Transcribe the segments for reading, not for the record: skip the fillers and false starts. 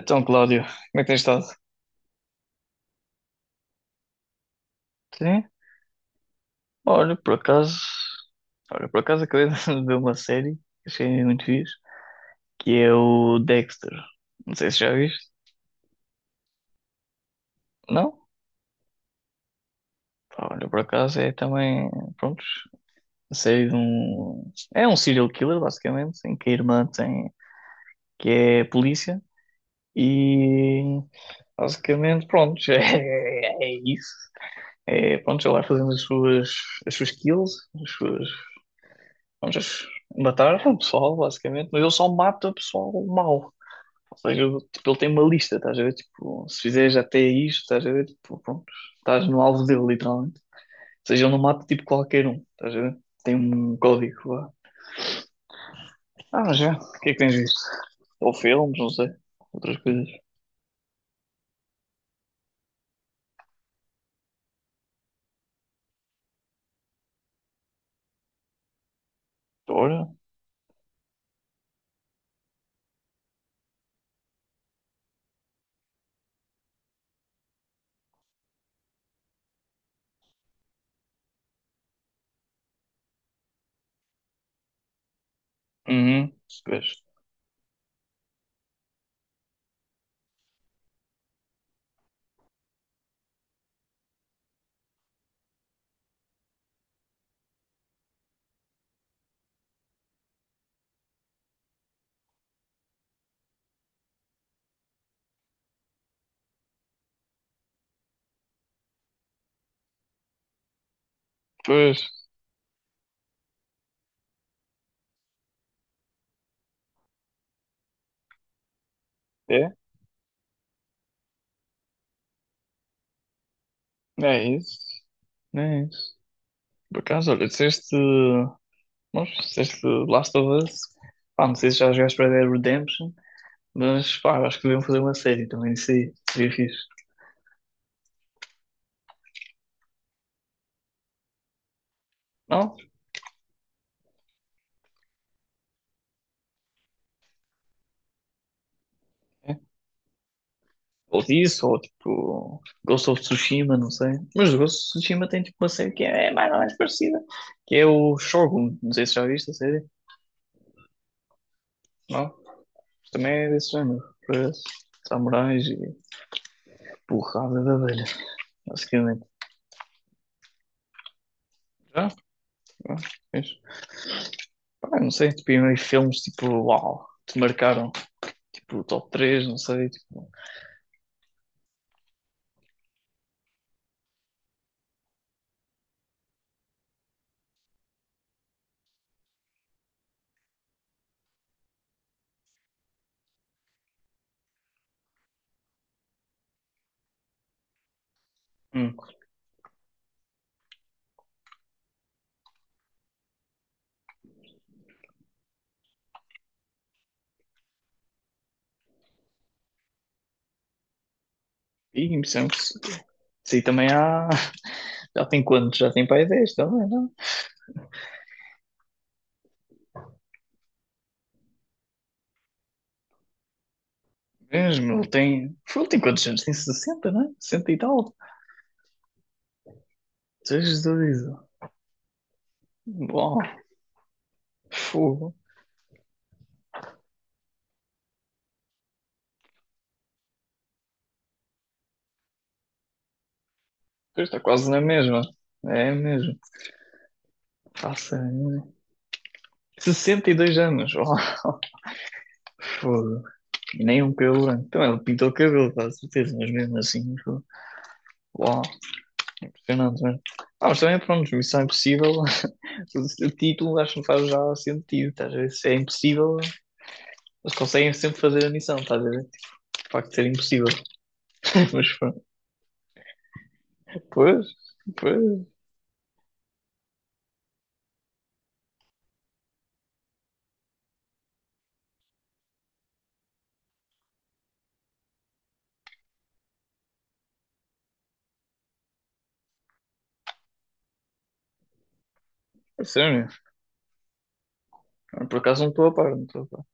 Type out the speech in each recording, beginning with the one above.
Então, Cláudio, como é que tens estado? Sim, olha, por acaso, olha, por acaso acabei de ver uma série que achei muito fixe, que é o Dexter. Não sei se já viste, não? Pá, olha, por acaso é também, pronto, a série de um. É um serial killer, basicamente, em que a irmã tem. Que é polícia, e. Basicamente, pronto, é isso. É, pronto, ela vai fazendo as suas kills, as suas. Vamos matar o pessoal, basicamente, mas ele só mata o pessoal mau. Ou seja, tipo, ele tem uma lista, estás a ver? Tipo, se fizeres até isto, estás a ver? Tipo, pronto, estás no alvo dele, literalmente. Ou seja, ele não mata tipo qualquer um, estás a ver? Tem um código lá. Ah, mas já, o que é que tens visto? Ou filmes, não sei, outras coisas. Ora, uhum, pois, pois, é, é isso, é isso. Por acaso, olha, disseste. Mas disseste Last of Us, pá, não sei se já jogaste Red Dead Redemption, mas pá, eu acho que deviam fazer uma série também, isso aí, seria fixe. Não? É. Ou disso, ou tipo Ghost of Tsushima, não sei. Mas o Ghost of Tsushima tem tipo uma série que é mais ou menos parecida, que é o Shogun, não sei se já viste a série, não? Mas também é desse género, para samurais e porrada de abelhas, basicamente. Já? Já? Fixe. Pá, não sei, tipo, e meio filmes tipo, uau, te marcaram, tipo, top 3 não sei, tipo. Hum. Ih, Moçambique. Sim, também há. Já tem quantos? Já tem para aí 10 também, não? Mesmo, ele tem. Ele tem quantos anos? Tem 60 não é? 60 e tal. Jesus. Isso. Bom, fogo. Pois está quase na mesma. É mesmo. Faça. 62 anos. Oh, fogo. E nem um cabelo branco. Então ele pintou o cabelo, com certeza, mas mesmo assim. Fogo. Uau, impressionante, mesmo. Ah, mas também, pronto, missão impossível. O título acho que não faz já sentido, estás a ver? Se é impossível, eles conseguem sempre fazer a missão, estás a ver? Tipo, de facto, ser impossível. Mas pronto. Pois, pois. É sério. Por acaso não estou a par, não estou a par.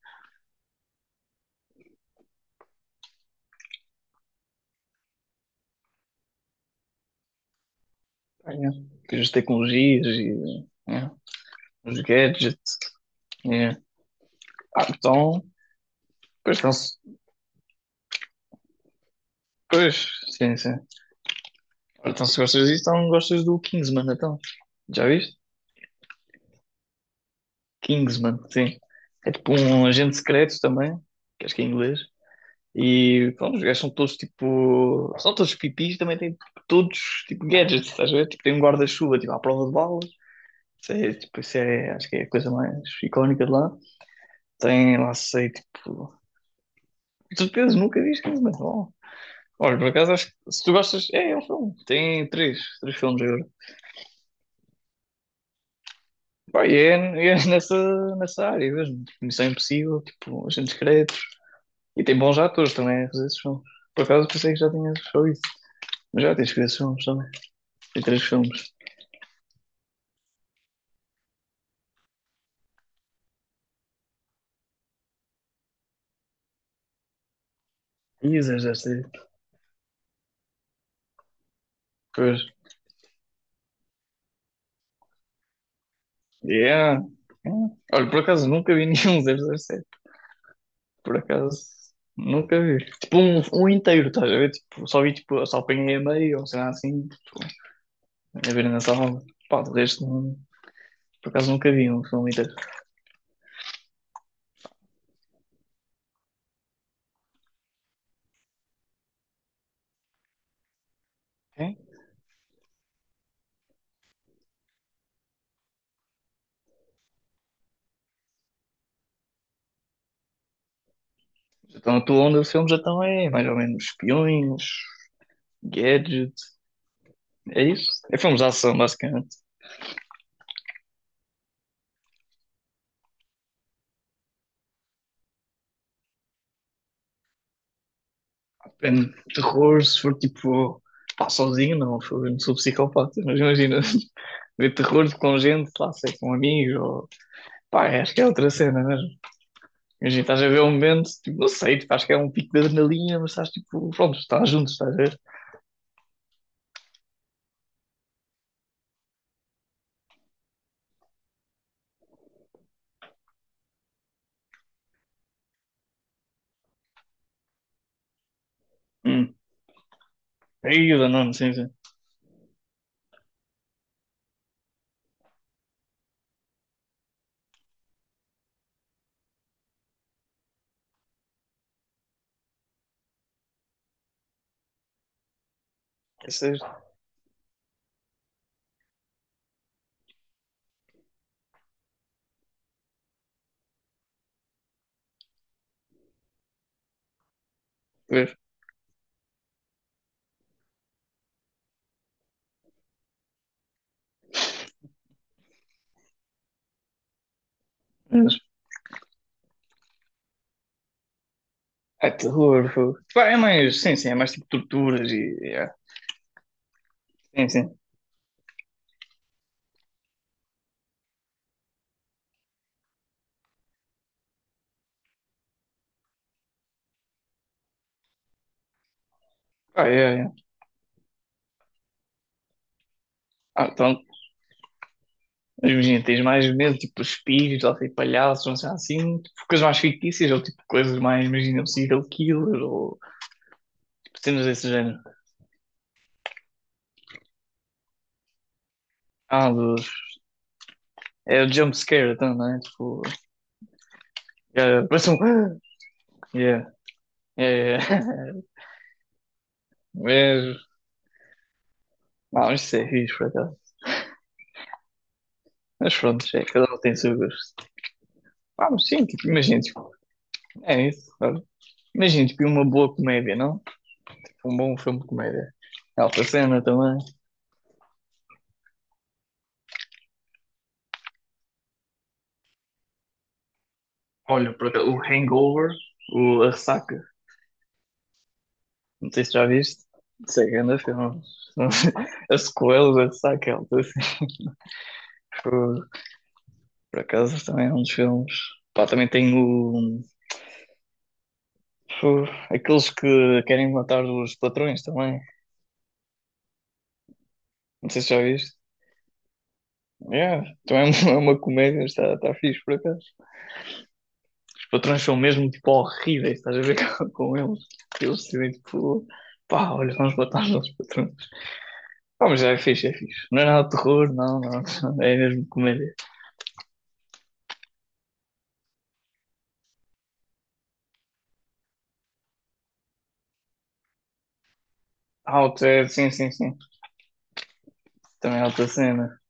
Ah, yeah. Depois as tecnologias e yeah. Os gadgets. Yeah. Ah, então. Pois, então, se- pois, sim, sim. Ora, então, se gostas disso, então gostas do Kingsman, então. Já viste? Kingsman, sim. É tipo um agente secreto também, que acho que é inglês. E pronto, os gajos são todos tipo. São todos pipis, também têm todos tipo gadgets, estás a ver? Tipo, tem um guarda-chuva tipo, à prova de balas. Isso é, tipo, isso é, acho que é a coisa mais icónica de lá. Tem lá, sei, tipo. De certeza, nunca vi isso, mas bom. Olha, por acaso, acho que se tu gostas. É, é um filme. Tem três filmes agora. Pá, e é nessa, nessa área mesmo. Tipo, Missão Impossível, tipo, Agentes Secretos. E tem bons atores também a fazer esses filmes. Por acaso, pensei que já tinhas só isso. Mas já tens que ver esses filmes também. Tem três filmes. Isso, 007. Pois. Yeah. Yeah. Olha, por acaso nunca vi nenhum 007. Por acaso nunca vi. Tipo um inteiro, estás a ver? Tipo, só vi tipo, só apanhei a meio ou sei lá assim. Tipo, a ver na sala. Pá, de resto, não- por acaso nunca vi um filme inteiro. Ok. Então a tua onda de filmes então é mais ou menos espiões, gadget. É isso? É filmes de ação, basicamente. Depende de terror, se for tipo, pá, sozinho, não, fogo, eu não sou psicopata, mas imagina, ver terror com gente, lá, sei, com amigos, ou, pá, é, acho que é outra cena mesmo. Imagina, estás a ver um momento, tipo, não sei, tipo, acho que é um pico de adrenalina, mas estás tipo, pronto, estás junto, estás a ver? Hum, aí, não, sim, isso é ver, mas é terror, fogo. Pá, é mais, sim, é mais tipo torturas e, yeah. Sim, sim. Ah, é yeah. Ah, então. Imagina, tens mais medo, tipo, espíritos, ou tipo, palhaços, não sei, assim, tipo, coisas mais fictícias, ou tipo, coisas mais, imagina, um serial killer, ou tipo, cenas desse género. Ah, dos... É o jump scare, então, não é? Tipo, é, parece um... Yeah, yeah, yeah. Mas, não, isso é fixe, por acaso. Mas pronto, é, cada um tem o seu gosto. Ah, mas sim, tipo, imagina, tipo, é isso, sabe? Imagina, tipo, uma boa comédia, não? Tipo, um bom filme de comédia. Alta cena também. Olha, por acaso, o Hangover, o, a ressaca. Não sei se já viste. Sei que ainda filme. Mas- a sequela da Saquel. Por acaso também é um dos filmes. Pá, também tem o. Fu, aqueles que querem matar os patrões também. Não sei se já viste. Yeah, também é uma comédia, está, está fixe por acaso. Os patrões são mesmo tipo horríveis, estás a ver com eles. Eles decidem tipo, pá, olha, vamos matar os nossos patrões. Ah, mas é fixe, é fixe. Não é nada de terror, não, não. É mesmo comédia. Ah, o Ted, sim, sim, sim. Também é outra cena.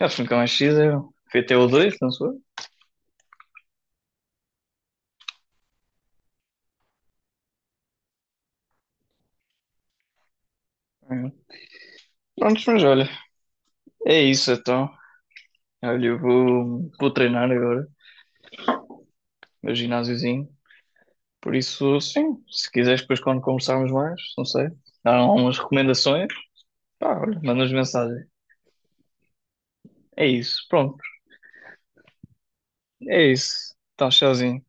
Eu fui com a X, eu fui até o 2, não sou? É. Prontos, mas olha, é isso então. Olha, eu vou, vou treinar agora, meu ginásiozinho. Por isso, sim, se quiseres depois quando conversarmos mais, não sei, dar umas recomendações, pá, olha, mandas mensagem. É isso, pronto, é isso. Então, tchauzinho.